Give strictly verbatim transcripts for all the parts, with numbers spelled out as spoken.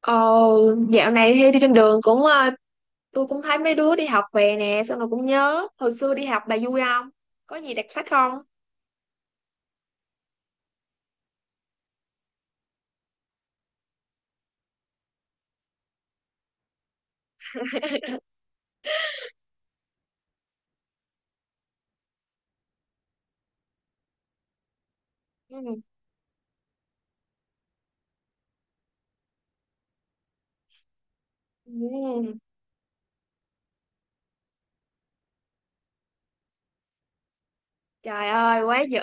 Ờ, Dạo này thì đi trên đường cũng ờ, tôi cũng thấy mấy đứa đi học về nè, xong rồi cũng nhớ hồi xưa đi học. Bà vui không, có gì đặc sắc không? Ừ. Ừ. Trời ơi, quá dữ.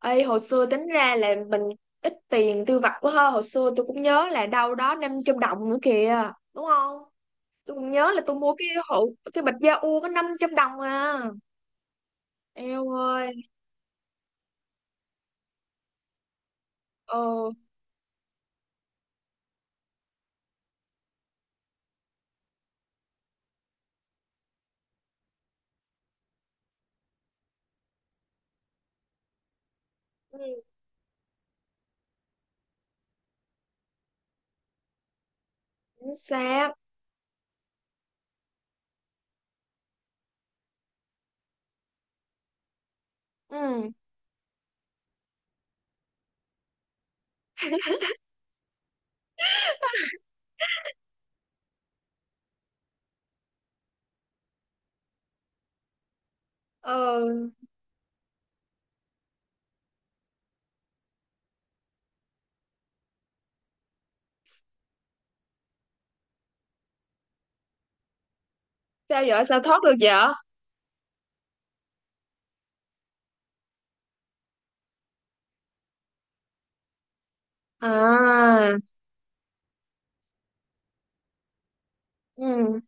Ê, hồi xưa tính ra là mình ít tiền tiêu vặt quá ha. Hồi xưa tôi cũng nhớ là đâu đó năm trăm đồng nữa kìa, đúng không? Tôi cũng nhớ là tôi mua cái hộ, cái bịch da u có năm trăm đồng à. Eo ơi. Ờ. Ừ. Chính xác. Ừ. Ờ, sao vậy, sao thoát được vậy? À, ừ.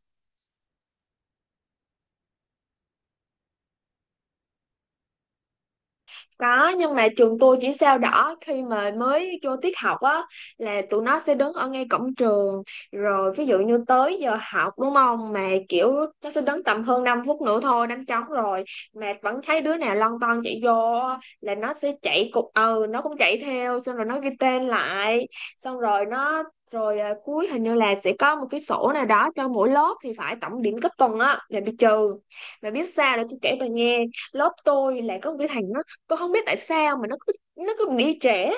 Có, nhưng mà trường tôi chỉ sao đỏ khi mà mới vô tiết học á, là tụi nó sẽ đứng ở ngay cổng trường, rồi ví dụ như tới giờ học đúng không, mà kiểu nó sẽ đứng tầm hơn năm phút nữa thôi đánh trống rồi, mà vẫn thấy đứa nào lon ton chạy vô á, là nó sẽ chạy cục, ừ nó cũng chạy theo, xong rồi nó ghi tên lại. Xong rồi nó, rồi à, cuối hình như là sẽ có một cái sổ nào đó cho mỗi lớp thì phải, tổng điểm cấp tuần á là bị trừ. Mà biết sao, để tôi kể bà nghe, lớp tôi là có một cái thằng nó, cô không biết tại sao mà nó cứ nó cứ bị trễ.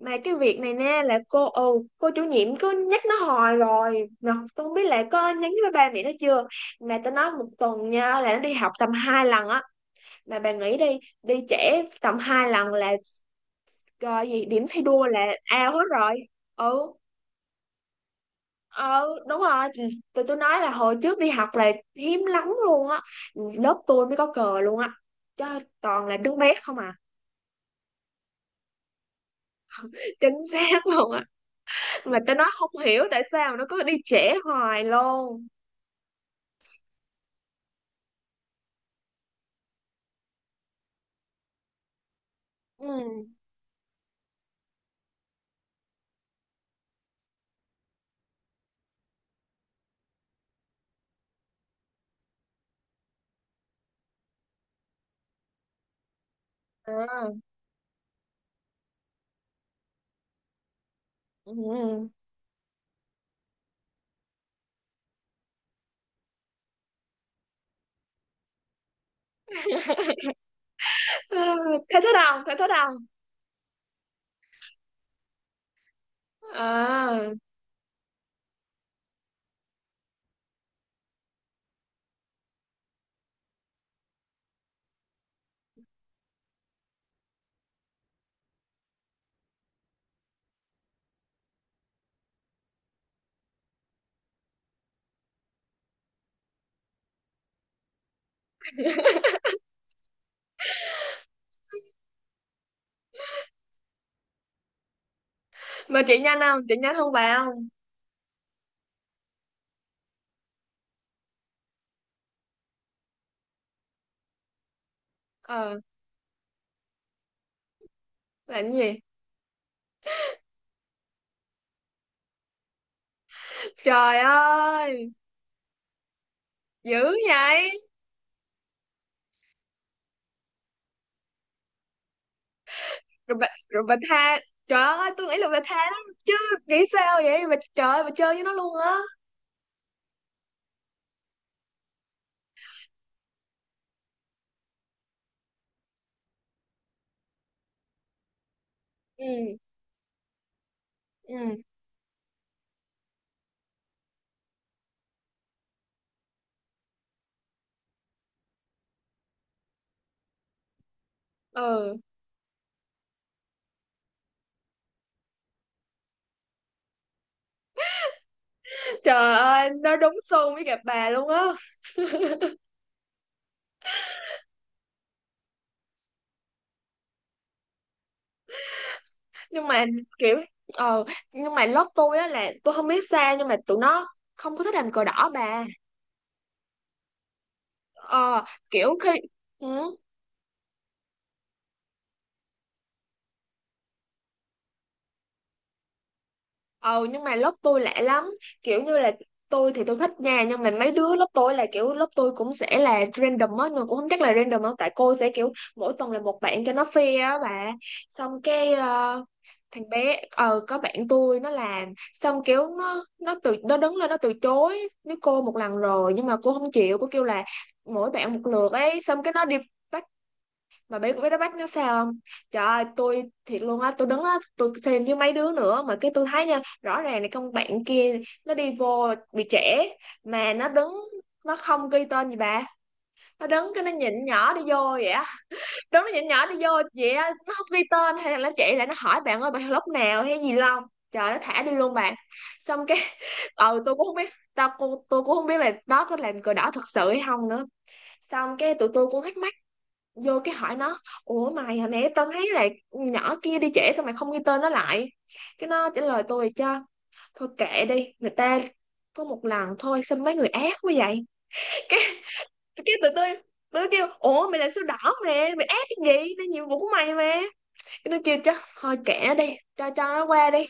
Mà cái việc này nè là cô, ừ, cô chủ nhiệm cứ nhắc nó hoài rồi mà tôi không biết là có nhắn với ba mẹ nó chưa. Mà tao nói một tuần nha, là nó đi học tầm hai lần á. Mà bà nghĩ đi, đi trễ tầm hai lần là gọi gì, điểm thi đua là ao hết rồi. Ừ. Ừ, đúng rồi. Ừ, tụi tôi nói là hồi trước đi học là hiếm lắm luôn á, lớp tôi mới có cờ luôn á, chứ toàn là đứa bé không à. Chính xác luôn á. Mà tao nói không hiểu tại sao nó cứ đi trễ hoài luôn. Ừ. À, ừ. Ừ, thấy thích không, thấy thích không? À, mà chị nhanh không, chị nhanh không bà không? Ờ, làm cái gì? Trời ơi, dữ vậy. Rồi bà, rồi bà tha, trời ơi tôi nghĩ là bà tha lắm chứ. Nghĩ sao vậy bà, trời ơi bà chơi với nó luôn á. Ừ. Ừ. Ừ. Trời ơi, nó đúng xu với gặp bà luôn á. Nhưng mà kiểu, ờ, nhưng mà lớp tôi á, là tôi không biết sao nhưng mà tụi nó không có thích làm cờ đỏ bà. Ờ, kiểu khi, ừ, ờ nhưng mà lớp tôi lạ lắm, kiểu như là tôi thì tôi thích nha, nhưng mà mấy đứa lớp tôi là kiểu, lớp tôi cũng sẽ là random á, nhưng mà cũng không chắc là random đâu, tại cô sẽ kiểu mỗi tuần là một bạn cho nó fair á bà. Xong cái ờ, thằng bé, ờ có bạn tôi nó làm, xong kiểu nó nó từ, nó đứng lên nó từ chối với cô một lần rồi, nhưng mà cô không chịu, cô kêu là mỗi bạn một lượt ấy, xong cái nó đi bắt. Mà biết biết đá banh nó sao không, trời ơi tôi thiệt luôn á, tôi đứng á, tôi thêm với mấy đứa nữa mà cái tôi thấy nha, rõ ràng là con bạn kia nó đi vô bị trễ, mà nó đứng, nó không ghi tên gì bà. Nó đứng cái nó nhịn nhỏ đi vô vậy á. Đứng nó nhịn nhỏ đi vô vậy á, nó không ghi tên hay là nó chạy lại nó hỏi bạn ơi bạn lúc nào hay gì không. Trời, nó thả đi luôn bạn. Xong cái ừ tôi cũng không biết, tao cô tôi cũng không biết là đó có làm cờ đỏ thật sự hay không nữa. Xong cái tụi tôi cũng thắc mắc, vô cái hỏi nó ủa mày hồi nãy tao thấy là nhỏ kia đi trễ sao mày không ghi tên nó lại. Cái nó trả lời tôi cho, thôi kệ đi người ta, có một lần thôi sao mấy người ác quá vậy. Cái cái tụi tôi tụi tôi kêu ủa mày là sao đỏ mẹ mày, ác cái gì, nó nhiệm vụ của mày mà. Cái nó kêu, chắc thôi kệ nó đi, cho cho nó qua đi.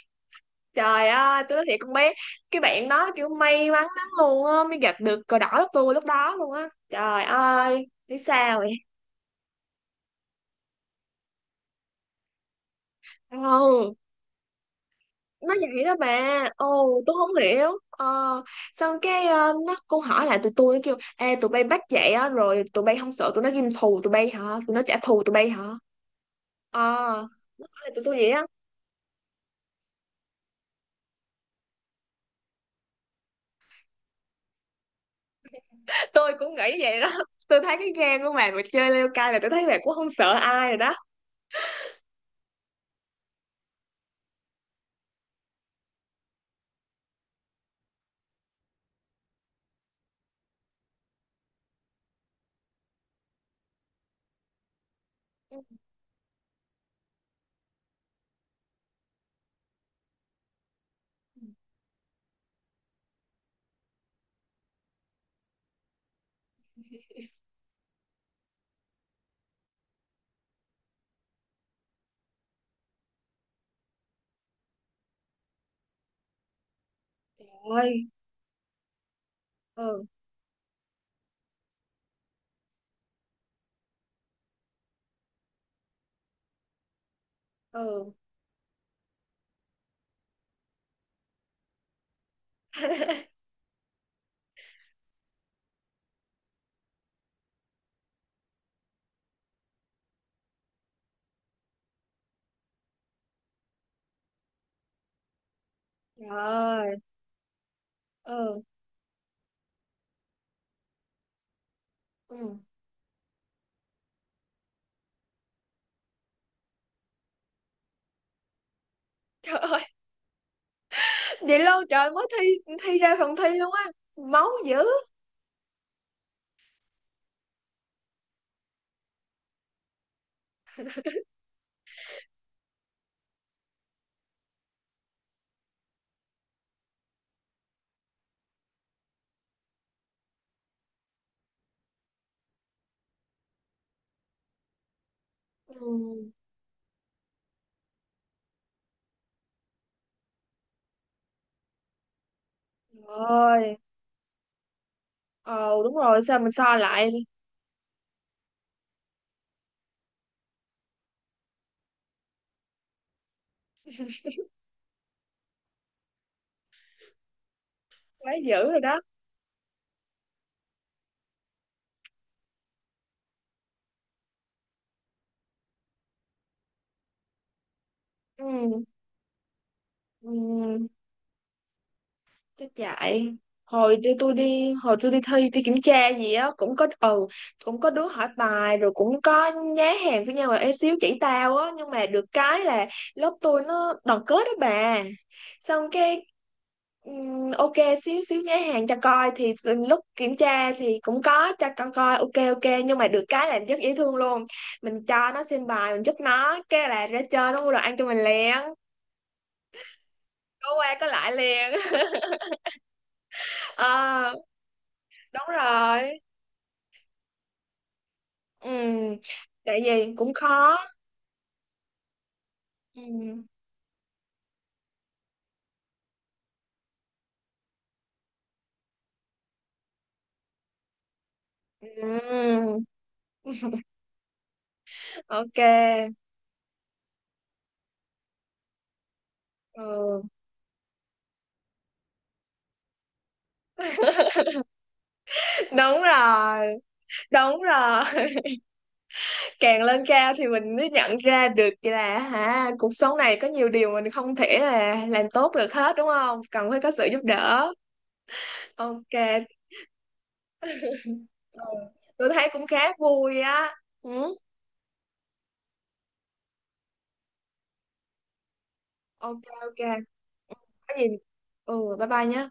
Trời ơi tôi nói thiệt, con bé, cái bạn đó kiểu may mắn lắm luôn á, mới gặp được cờ đỏ của tôi lúc đó luôn á. Trời ơi, thấy sao vậy? Ừ, nó vậy đó bà. Ồ tôi không hiểu ờ, xong cái ờ, nó cô hỏi lại tụi tôi, nó kêu ê tụi bay bắt vậy á rồi tụi bay không sợ tụi nó ghim thù tụi bay hả, tụi nó trả thù tụi bay hả. Ờ, nó hỏi lại tụi tôi vậy á. Tôi cũng nghĩ vậy đó. Tôi thấy cái gan của bà mà chơi leo cai là tôi thấy bà cũng không sợ ai rồi đó. Ừ. Ôi, ừ. Ừ. Trời ơi, ừ. Ừ, trời ơi. Vậy lâu trời mới thi, thi ra phần thi luôn á, máu dữ. Ừ. Trời. Ờ đúng rồi, sao mình so lại. Quá dữ rồi đó. Ừ. Ừ. Chắc chạy, hồi đi tôi đi, hồi tôi đi thi, thi kiểm tra gì á cũng có, ừ, cũng có đứa hỏi bài, rồi cũng có nhá hàng với nhau là ế xíu chỉ tao á, nhưng mà được cái là lớp tôi nó đoàn kết đó bà. Xong cái ừm, ok, xíu xíu nhá hàng cho coi thì lúc kiểm tra thì cũng có cho con coi ok ok, nhưng mà được cái là rất dễ thương luôn. Mình cho nó xem bài, mình giúp nó cái là ra chơi nó mua đồ ăn cho mình liền. Có qua có lại liền. Ờ, đúng rồi. Ừ, tại vì cũng khó. Ừ. Ừ. Ok. Ừ, đúng rồi, đúng rồi. Càng lên cao thì mình mới nhận ra được là hả, cuộc sống này có nhiều điều mình không thể là làm tốt được hết đúng không, cần phải có sự giúp đỡ. Ok. Ừ. Tôi thấy cũng khá vui á. Ừ. Ok ok. Ừ. Có gì. Ừ, bye bye nhé.